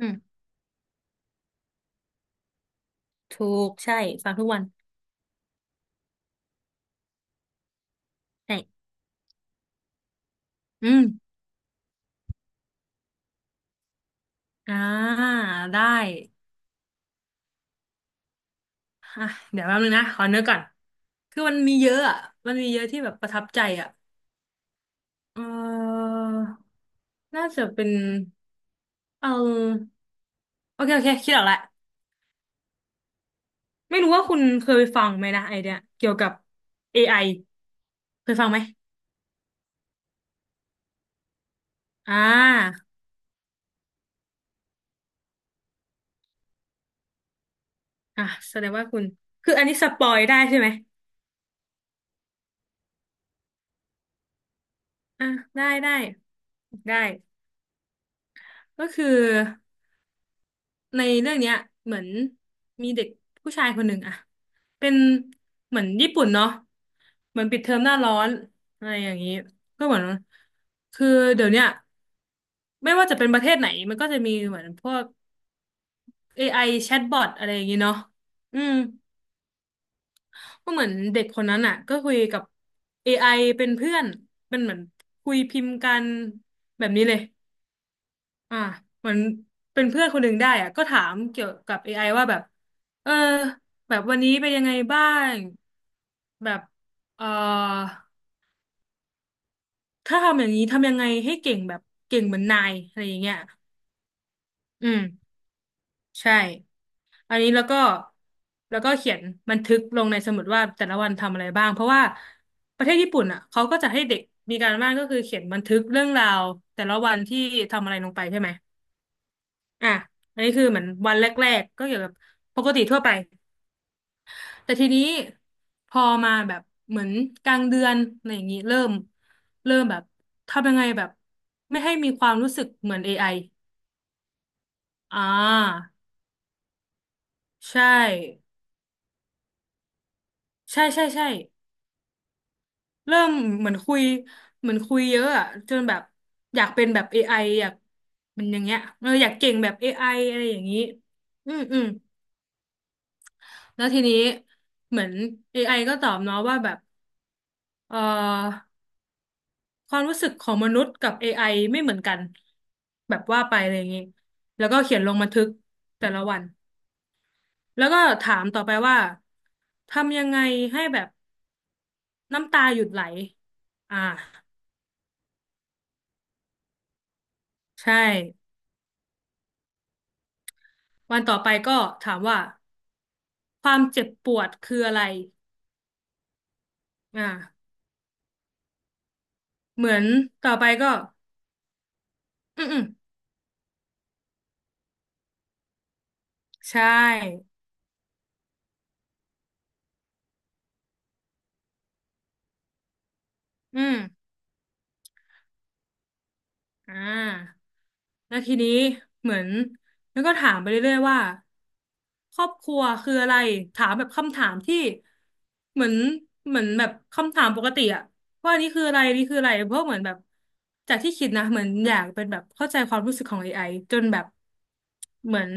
อืมถูกใช่ฟังทุกวันใช่อืมอ่าได้อ่ะเดี๋ยวแป๊บนึงนะขอเนื้อก่อนคือมันมีเยอะอ่ะมันมีเยอะที่แบบประทับใจอ่ะเออน่าจะเป็นเออโอเคโอเคคิดออกแล้วไม่รู้ว่าคุณเคยฟังไหมนะไอเดียเกี่ยวกับ AI เคยฟังไหมอ่าอ่ะแสดงว่าคุณคืออันนี้สปอยได้ใช่ไหมอ่ะได้ได้ได้ก็คือ ในเรื่องเนี้ยเหมือนมีเด็กผู้ชายคนหนึ่งอะเป็นเหมือนญี่ปุ่นเนาะเหมือนปิดเทอมหน้าร้อนอะไรอย่างนี้ก็เหมือนคือเดี๋ยวเนี้ยไม่ว่าจะเป็นประเทศไหนมันก็จะมีเหมือนพวก AI แชทบอทอะไรอย่างนี้เนาะอืมก็เหมือนเด็กคนนั้นอ่ะก็คุยกับ AI เป็นเพื่อนเป็นเหมือนคุยพิมพ์กันแบบนี้เลย อ่ะเหมือนเป็นเพื่อนคนหนึ่งได้อ่ะก็ถามเกี่ยวกับ AI ว่าแบบเออแบบวันนี้เป็นยังไงบ้างแบบเออถ้าทำอย่างนี้ทำยังไงให้เก่งแบบเก่งเหมือนนายอะไรอย่างเงี้ยอืมใช่อันนี้แล้วก็แล้วก็เขียนบันทึกลงในสมุดว่าแต่ละวันทำอะไรบ้างเพราะว่าประเทศญี่ปุ่นอ่ะเขาก็จะให้เด็กมีการบ้านก็คือเขียนบันทึกเรื่องราวแต่ละวันที่ทำอะไรลงไปใช่ไหม อ่ะอันนี้คือเหมือนวันแรกๆก็เกี่ยวกับปกติทั่วไปแต่ทีนี้พอมาแบบเหมือนกลางเดือนอะไรอย่างนี้เริ่มแบบทำยังไงแบบไม่ให้มีความรู้สึกเหมือนเอ i ออ่าใช่ใช่ใช่ใช่เริ่มเหมือนคุยเหมือนคุยเยอะอะจนแบบอยากเป็นแบบเอ i ออยากมันอย่างเงี้ยเอออยากเก่งแบบเอ i ออะไรอย่างนี้อืมอืมแล้วทีนี้เหมือน a อไอก็ตอบเนาะว่าแบบเออ ความรู้สึกของมนุษย์กับ AI ไอไม่เหมือนกันแบบว่าไปอะไรอย่างนี้ แล้วก็เขียนลงบันทึกแต่ละวัน แล้วก็ถามต่อไปว่าทำยังไงให้แบบน้ำตาหยุดไหล อ่าใช่ วันต่อไปก็ถามว่าความเจ็บปวดคืออะไรอ่าเหมือนต่อไปก็ อืมอืมใช่อืม อ่าแล้วทีนี้เหมือนแล้วก็ถามไปเรื่อยๆว่าครอบครัวคืออะไรถามแบบคำถามที่เหมือนเหมือนแบบคำถามปกติอะว่านี่คืออะไรนี่คืออะไรเพราะเหมือนแบบจากที่คิดนะเหมือนอยากเป็นแบบเข้าใจความรู้สึกของเอไ i จนแบบเหมือน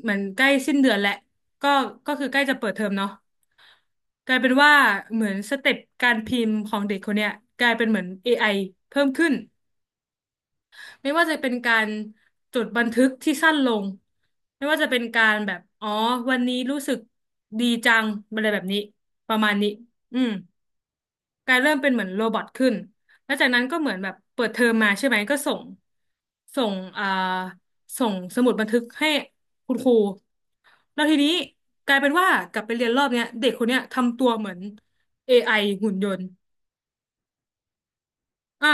เหมือนใกล้สิ้นเดือนแหละก็ก็คือใกล้จะเปิดเทอมเนาะกลายเป็นว่าเหมือนสเต็ปการพิมพ์ของเด็กคนเนี้ยกลายเป็นเหมือน AI เพิ่มขึ้น ไม่ว่าจะเป็นการจดบันทึกที่สั้นลงไม่ว่าจะเป็นการแบบอ๋อวันนี้รู้สึกดีจังอะไรแบบนี้ประมาณนี้อืมกลายเริ่มเป็นเหมือนโรบอทขึ้นแล้วจากนั้นก็เหมือนแบบเปิดเทอมมาใช่ไหมก็ส่งอ่าส่งสมุดบันทึกให้คุณครูแล้วทีนี้กลายเป็นว่ากลับไปเรียนรอบเนี้ยเด็กคนเนี้ยทำตัวเหมือน AI หุ่นยนต์อ่า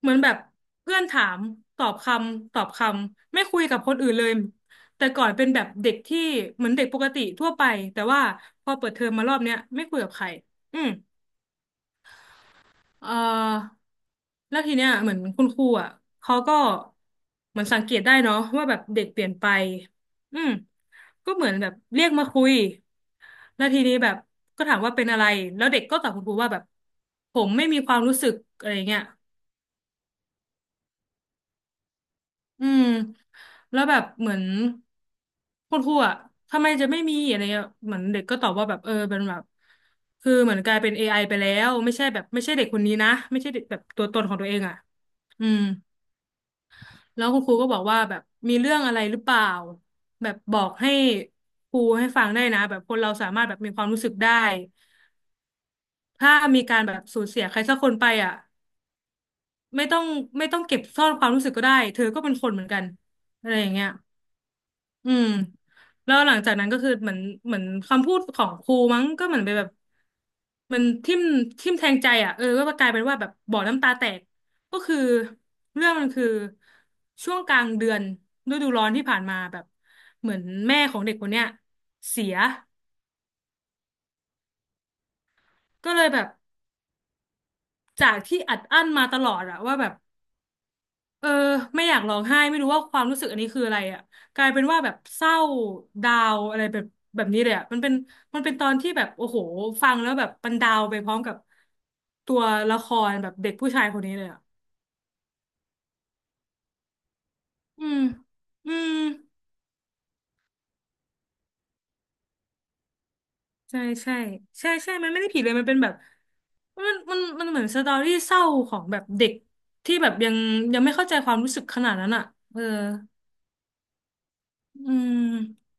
เหมือนแบบเพื่อนถามตอบคำตอบคำไม่คุยกับคนอื่นเลยแต่ก่อนเป็นแบบเด็กที่เหมือนเด็กปกติทั่วไปแต่ว่าพอเปิดเทอมมารอบเนี้ยไม่คุยกับใครอืมเอ่อแล้วทีเนี้ยเหมือนคุณครูอ่ะเขาก็เหมือนสังเกตได้เนาะว่าแบบเด็กเปลี่ยนไปอืมก็เหมือนแบบเรียกมาคุยแล้วทีนี้แบบก็ถามว่าเป็นอะไรแล้วเด็กก็ตอบคุณครูว่าแบบผมไม่มีความรู้สึกอะไรเงี้ย อืมแล้วแบบเหมือนคุณครูอ่ะทำไมจะไม่มีอะไรเงี้ยเหมือนเด็กก็ตอบว่าแบบเออเป็นแบบคือเหมือนกลายเป็น AI ไอไปแล้วไม่ใช่แบบไม่ใช่เด็กคนนี้นะไม่ใช่เด็กแบบตัวตนของตัวเองอ่ะอืมแล้วคุณครูก็บอกว่าแบบมีเรื่องอะไรหรือเปล่าแบบบอกให้ครูให้ฟังได้นะแบบคนเราสามารถแบบมีความรู้สึกได้ถ้ามีการแบบสูญเสียใครสักคนไปอ่ะไม่ต้องไม่ต้องเก็บซ่อนความรู้สึกก็ได้เธอก็เป็นคนเหมือนกันอะไรอย่างเงี้ย อืมแล้วหลังจากนั้นก็คือเหมือนเหมือนคำพูดของครูมั้งก็เหมือนไปแบบมันทิ่มแทงใจอ่ะเออก็กลายเป็นว่าแบบบ่อน้ำตาแตกก็คือเรื่องมันคือช่วงกลางเดือนฤดูร้อนที่ผ่านมาแบบเหมือนแม่ของเด็กคนเนี้ยเสียก็เลยแบบจากที่อัดอั้นมาตลอดอะว่าแบบ เออไม่อยากร้องไห้ไม่รู้ว่าความรู้สึกอันนี้คืออะไรอ่ะกลายเป็นว่าแบบเศร้าดาวอะไรแบบแบบนี้เลยอ่ะมันเป็นมันเป็นตอนที่แบบโอ้โหฟังแล้วแบบมันดาวไปพร้อมกับตัวละครแบบเด็กผู้ชายคนนี้เลยอ่ะอืมอืมใช่ใช่ใช่ใช่มันไม่ได้ผิดเลยมันเป็นแบบมันเหมือนสตอรี่เศร้าของแบบเด็กที่แบบยังไม่เข้าใจความรู้สึกขนาดนั้นอ่ะเอออืม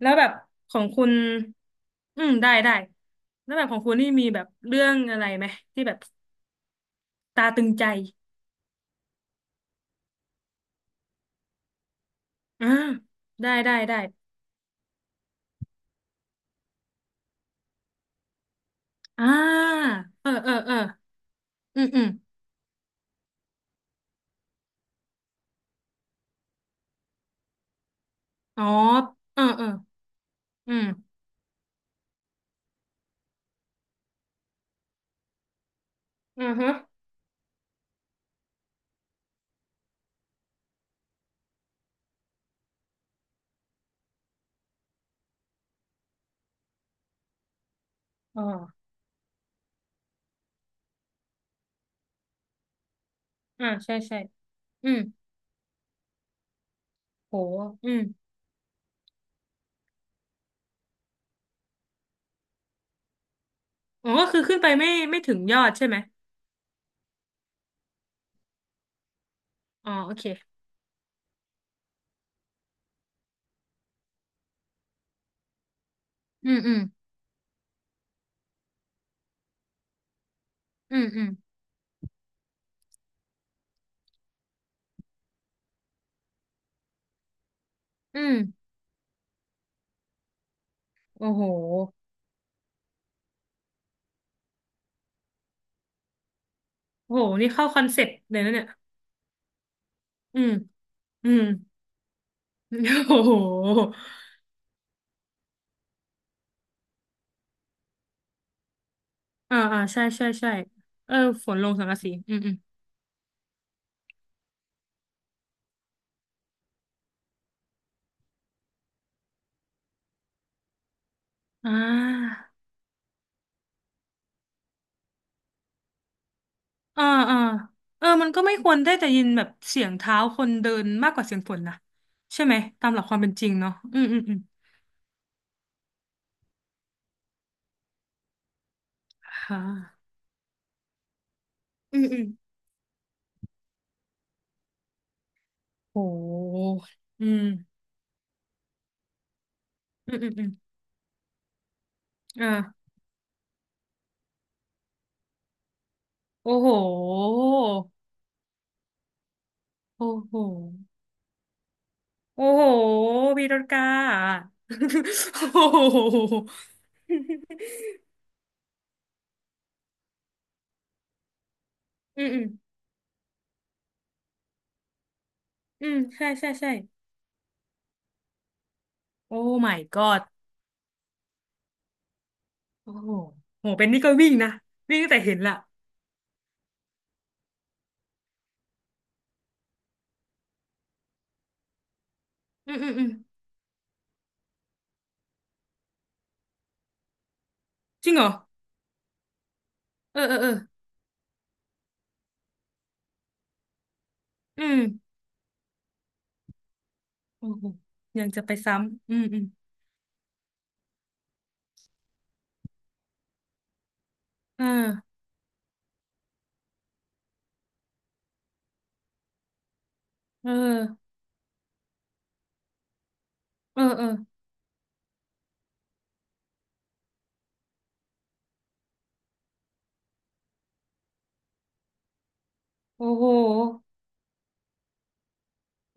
แล้วแบบของคุณอืมได้ได้ แล้วแบบของคุณนี่มีแบบเรื่องอะไรไหมที่แบบตาตึงใจอ่าได้ได้ได้อ่าเออเออเอออืมอืมอ๋อเออเอออืมอือฮะอ๋ออ่าใช่ใช่อืมโหอืมอ๋อก็คือขึ้นไปไม่ถึงยอดใช่ไหมอ๋อโอเคอืมอืมอืมอืมอืมโอ้โหโอ้โหนี่เข้าคอนเซ็ปต์เลยนะเนี่ยอืมอืม โอ้โห อ่าอ่าใช่ใช่ใช่เออฝนลงสังกะสีอืมอืมอ่าอ่าอ่าเออมันก็ไม่ควรได้แต่ยินแบบเสียงเท้าคนเดินมากกว่าเสียงฝนนะใช่ไหมตามหลักความเป็นจริงเนาะอืมอืมอืมค่ะอืมอืมโหอืมอืมอืมอืมอ่าโอ้โหโอ้โหโอ้โหพี่รถกา โอ้โหอืมอืมอืมใช่ใช่ใช่โอ้ my god โอ้โหโหเป็นนี่ก็วิ่งนะวิ่งตั้งแต่เห็นละอืมอืมอืมจริงเหรอเออเออเอออืมโอ้โหยังจะไปซ้ำอืมอืมเออเออเออเออโอ้โห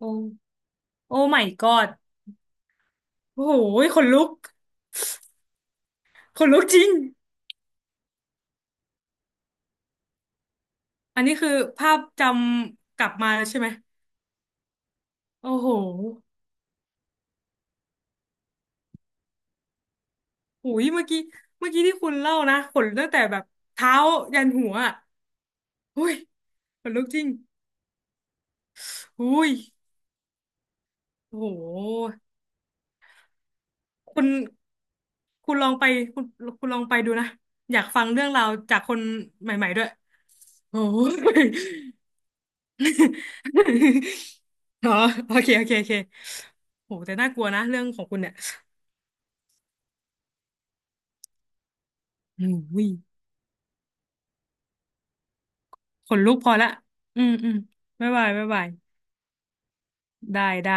โอ้โอ้ my god โอ้โหขนลุกขนลุกจริงอันนี้คือภาพจำกลับมาแล้วใช่ไหมโอ้โหหุยเมื่อกี้เมื่อกี้ที่คุณเล่านะขนตั้งแต่แบบเท้ายันหัวอ่ะหุยขนลุกจริงหุยโอ้โห คุณคุณลองไปคุณคุณลองไปดูนะ อยากฟังเรื่องราวจากคนใหม่ๆด้วย โอ้ย อ๋อโอเค โอเค โอเคโหแต่น่ากลัวนะเรื่องของคุณเนี่ยอุ้ยขนลุกพอละอืม อืมบ๊ายบายบ๊ายบาย ได้ได้